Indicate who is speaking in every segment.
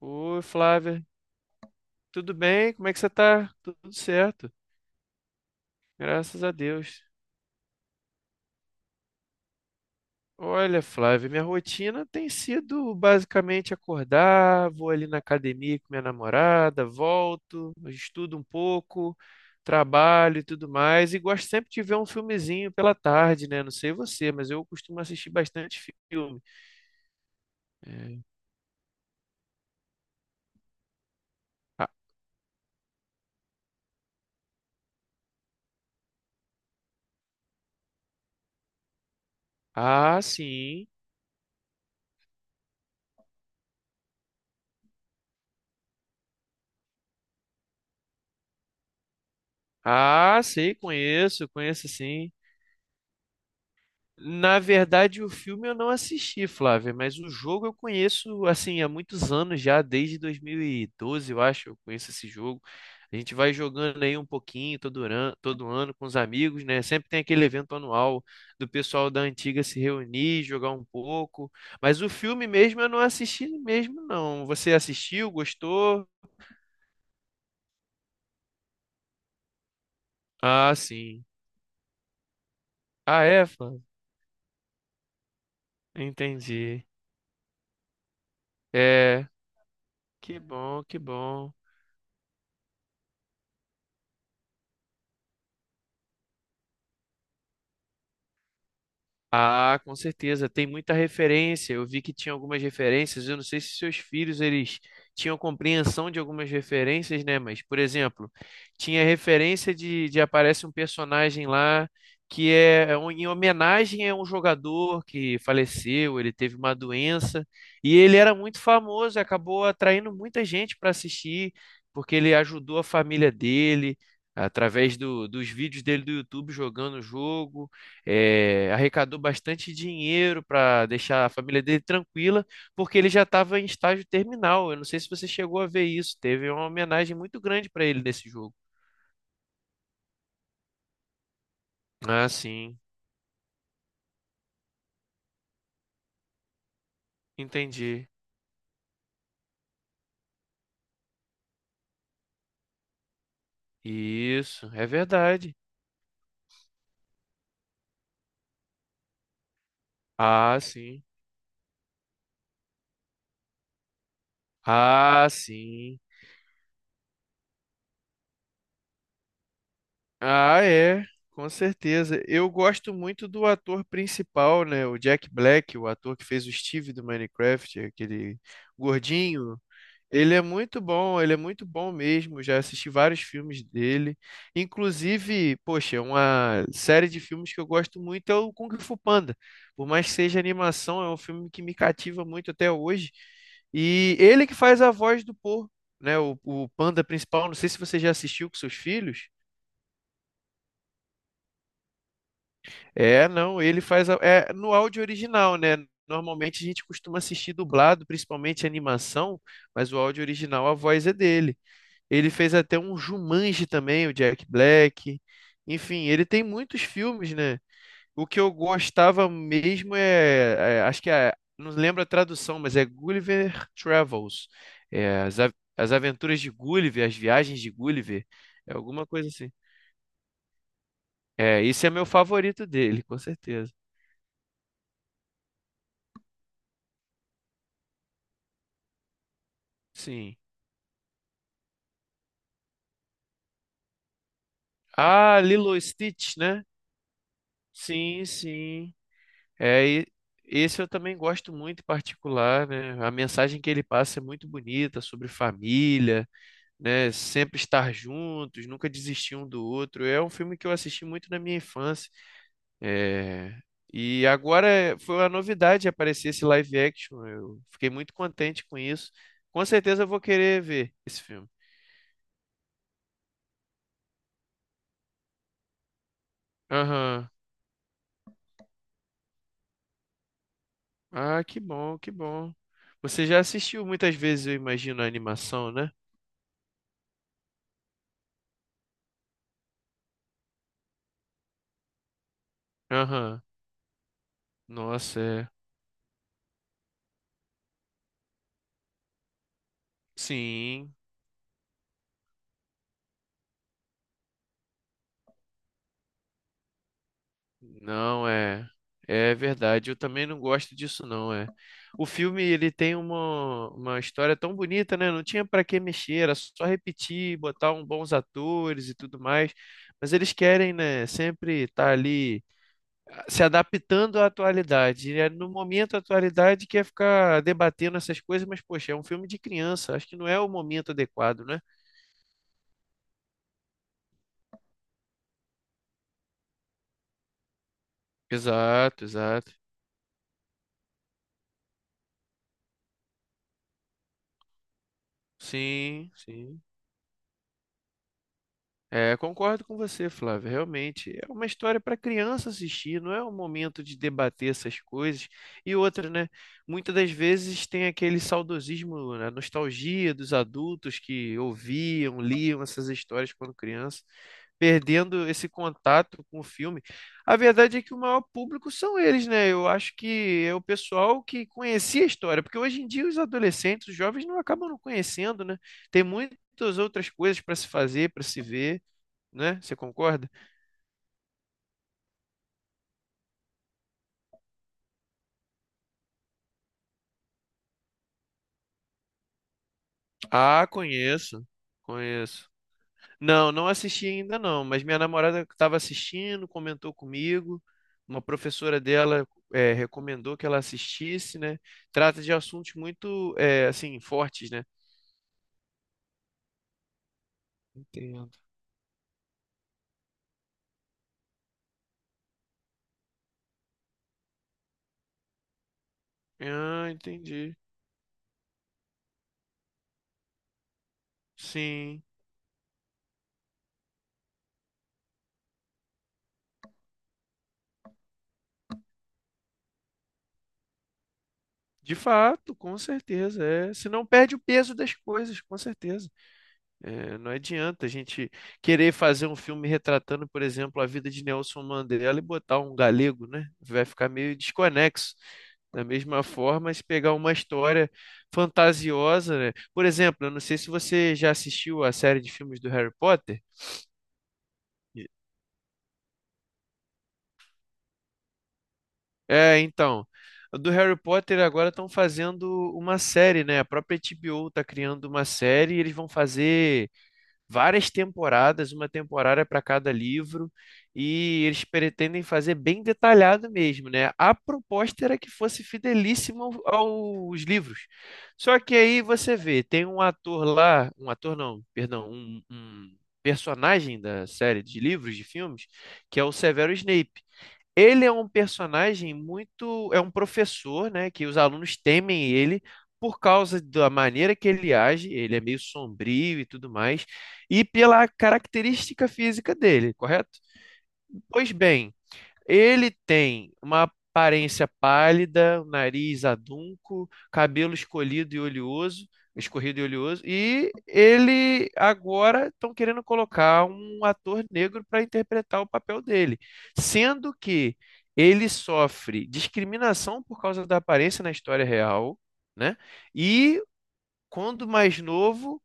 Speaker 1: Oi, Flávia, tudo bem? Como é que você tá? Tudo certo, graças a Deus. Olha, Flávia, minha rotina tem sido basicamente acordar, vou ali na academia com minha namorada, volto, estudo um pouco, trabalho e tudo mais, e gosto sempre de ver um filmezinho pela tarde, né? Não sei você, mas eu costumo assistir bastante filme. É. Ah, ah, sim. Ah, sei, conheço, conheço sim. Na verdade, o filme eu não assisti, Flávia, mas o jogo eu conheço assim há muitos anos já, desde 2012, eu acho, eu conheço esse jogo. A gente vai jogando aí um pouquinho todo ano com os amigos, né? Sempre tem aquele evento anual do pessoal da antiga se reunir, jogar um pouco. Mas o filme mesmo eu não assisti mesmo, não. Você assistiu, gostou? Ah, sim. Ah, é, Flávia? Entendi. É, que bom, que bom. Ah, com certeza, tem muita referência. Eu vi que tinha algumas referências. Eu não sei se seus filhos eles tinham compreensão de algumas referências, né? Mas, por exemplo, tinha referência de aparece um personagem lá que é em homenagem a um jogador que faleceu, ele teve uma doença e ele era muito famoso, e acabou atraindo muita gente para assistir, porque ele ajudou a família dele através dos vídeos dele do YouTube jogando o jogo arrecadou bastante dinheiro para deixar a família dele tranquila, porque ele já estava em estágio terminal. Eu não sei se você chegou a ver isso. Teve uma homenagem muito grande para ele nesse jogo. Ah, sim, entendi. Isso, é verdade. Ah, sim. Ah, sim. Ah, é, com certeza. Eu gosto muito do ator principal, né? O Jack Black, o ator que fez o Steve do Minecraft, aquele gordinho. Ele é muito bom, ele é muito bom mesmo. Já assisti vários filmes dele. Inclusive, poxa, uma série de filmes que eu gosto muito é o Kung Fu Panda. Por mais que seja animação, é um filme que me cativa muito até hoje. E ele que faz a voz do Po, né? O panda principal. Não sei se você já assistiu com seus filhos. É, não, ele faz no áudio original, né? Normalmente a gente costuma assistir dublado, principalmente animação, mas o áudio original, a voz é dele. Ele fez até um Jumanji também, o Jack Black. Enfim, ele tem muitos filmes, né? O que eu gostava mesmo acho que é, não lembro a tradução, mas é Gulliver Travels. É, as aventuras de Gulliver, as viagens de Gulliver, é alguma coisa assim. É, esse é meu favorito dele, com certeza. Sim. Ah, Lilo e Stitch, né? Sim, sim. É, e esse eu também gosto muito em particular, né? A mensagem que ele passa é muito bonita sobre família, né? Sempre estar juntos, nunca desistir um do outro. É um filme que eu assisti muito na minha infância. É, e agora foi uma novidade aparecer esse live action. Eu fiquei muito contente com isso. Com certeza eu vou querer ver esse filme. Aham. Ah, que bom, que bom. Você já assistiu muitas vezes, eu imagino, a animação, né? Aham. Nossa, é. Sim. Não é. É verdade, eu também não gosto disso não, é. O filme ele tem uma história tão bonita, né? Não tinha para que mexer, era só repetir, botar um bons atores e tudo mais. Mas eles querem, né, sempre estar ali se adaptando à atualidade. E é no momento a atualidade quer ficar debatendo essas coisas, mas poxa, é um filme de criança, acho que não é o momento adequado, né? Exato, exato. Sim, sim. É, concordo com você, Flávio. Realmente é uma história para criança assistir, não é o momento de debater essas coisas. E outra, né? Muitas das vezes tem aquele saudosismo, a nostalgia dos adultos que ouviam, liam essas histórias quando criança, perdendo esse contato com o filme. A verdade é que o maior público são eles, né? Eu acho que é o pessoal que conhecia a história, porque hoje em dia os adolescentes, os jovens não acabam não conhecendo, né? Tem muitas outras coisas para se fazer, para se ver, né? Você concorda? Ah, conheço, conheço. Não, não assisti ainda não, mas minha namorada estava assistindo, comentou comigo. Uma professora dela recomendou que ela assistisse, né? Trata de assuntos muito, assim, fortes, né? Entendo. Ah, entendi. Sim, de fato, com certeza. É. Se não perde o peso das coisas, com certeza. É, não adianta a gente querer fazer um filme retratando, por exemplo, a vida de Nelson Mandela e botar um galego, né? Vai ficar meio desconexo. Da mesma forma, se pegar uma história fantasiosa, né? Por exemplo, eu não sei se você já assistiu a série de filmes do Harry Potter. É, então, do Harry Potter agora estão fazendo uma série, né? A própria HBO está criando uma série e eles vão fazer várias temporadas, uma temporada para cada livro, e eles pretendem fazer bem detalhado mesmo, né? A proposta era que fosse fidelíssimo aos livros. Só que aí você vê, tem um ator lá, um ator não, perdão, um personagem da série de livros, de filmes, que é o Severo Snape. Ele é um personagem muito. É um professor, né? Que os alunos temem ele por causa da maneira que ele age. Ele é meio sombrio e tudo mais. E pela característica física dele, correto? Pois bem, ele tem uma aparência pálida, nariz adunco, cabelo escolhido e oleoso, escorrido e oleoso, e ele agora estão querendo colocar um ator negro para interpretar o papel dele, sendo que ele sofre discriminação por causa da aparência na história real, né? E quando mais novo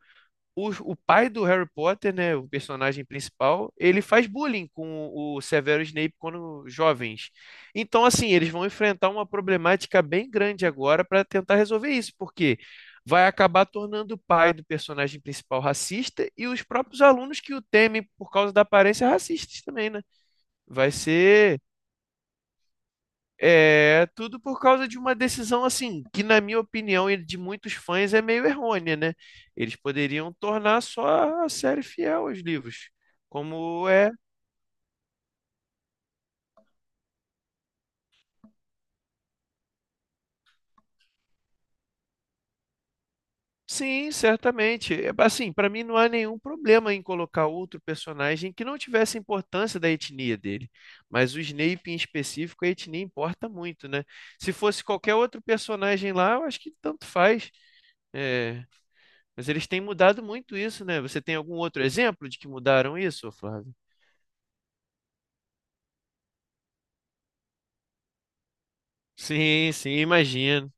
Speaker 1: o pai do Harry Potter, né, o personagem principal, ele faz bullying com o Severo Snape quando jovens. Então, assim, eles vão enfrentar uma problemática bem grande agora para tentar resolver isso, porque vai acabar tornando o pai do personagem principal racista e os próprios alunos que o temem por causa da aparência racistas também, né? Vai ser é tudo por causa de uma decisão assim, que na minha opinião e de muitos fãs é meio errônea, né? Eles poderiam tornar só a série fiel aos livros. Como é, sim, certamente. É, assim, para mim não há nenhum problema em colocar outro personagem que não tivesse importância da etnia dele. Mas o Snape em específico, a etnia importa muito, né? Se fosse qualquer outro personagem lá, eu acho que tanto faz. É, mas eles têm mudado muito isso, né? Você tem algum outro exemplo de que mudaram isso, ô Flávio? Sim, sim, imagino.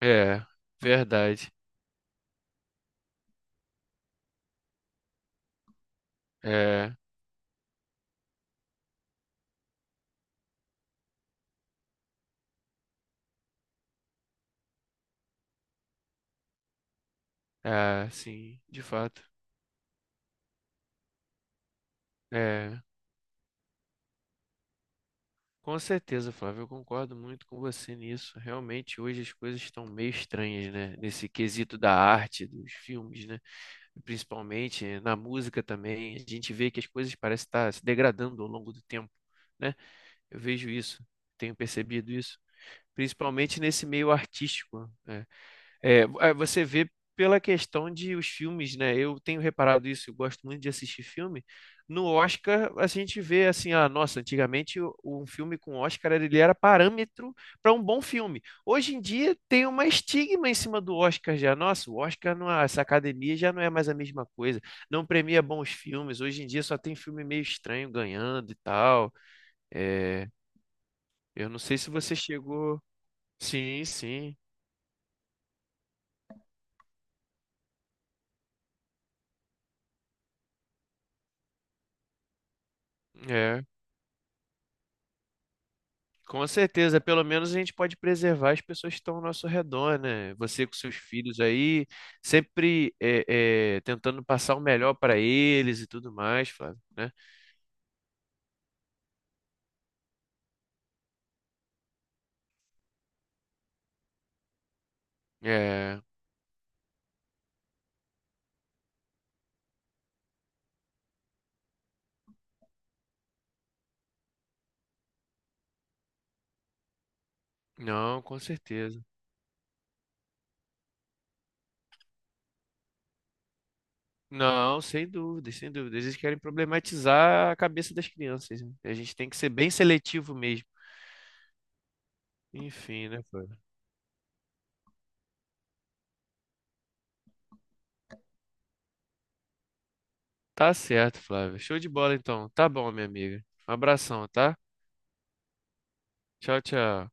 Speaker 1: É, verdade. É, é, sim, de fato. É, com certeza, Flávio, eu concordo muito com você nisso. Realmente, hoje as coisas estão meio estranhas, né? Nesse quesito da arte, dos filmes, né? Principalmente na música também. A gente vê que as coisas parecem estar se degradando ao longo do tempo, né? Eu vejo isso, tenho percebido isso, principalmente nesse meio artístico, né? É, é, você vê pela questão de os filmes, né? Eu tenho reparado isso, eu gosto muito de assistir filme. No Oscar, a gente vê assim, ah, nossa, antigamente um filme com Oscar ele era parâmetro para um bom filme. Hoje em dia tem uma estigma em cima do Oscar já. Nossa, o Oscar não, essa academia já não é mais a mesma coisa. Não premia bons filmes. Hoje em dia só tem filme meio estranho ganhando e tal. É, eu não sei se você chegou. Sim, sim. É, com certeza. Pelo menos a gente pode preservar as pessoas que estão ao nosso redor, né? Você com seus filhos aí, sempre tentando passar o melhor para eles e tudo mais, Flávio, né? É, não, com certeza. Não, sem dúvidas, sem dúvidas. Eles querem problematizar a cabeça das crianças, né? A gente tem que ser bem seletivo mesmo. Enfim, né, Flávio? Tá certo, Flávio. Show de bola, então. Tá bom, minha amiga. Um abração, tá? Tchau, tchau.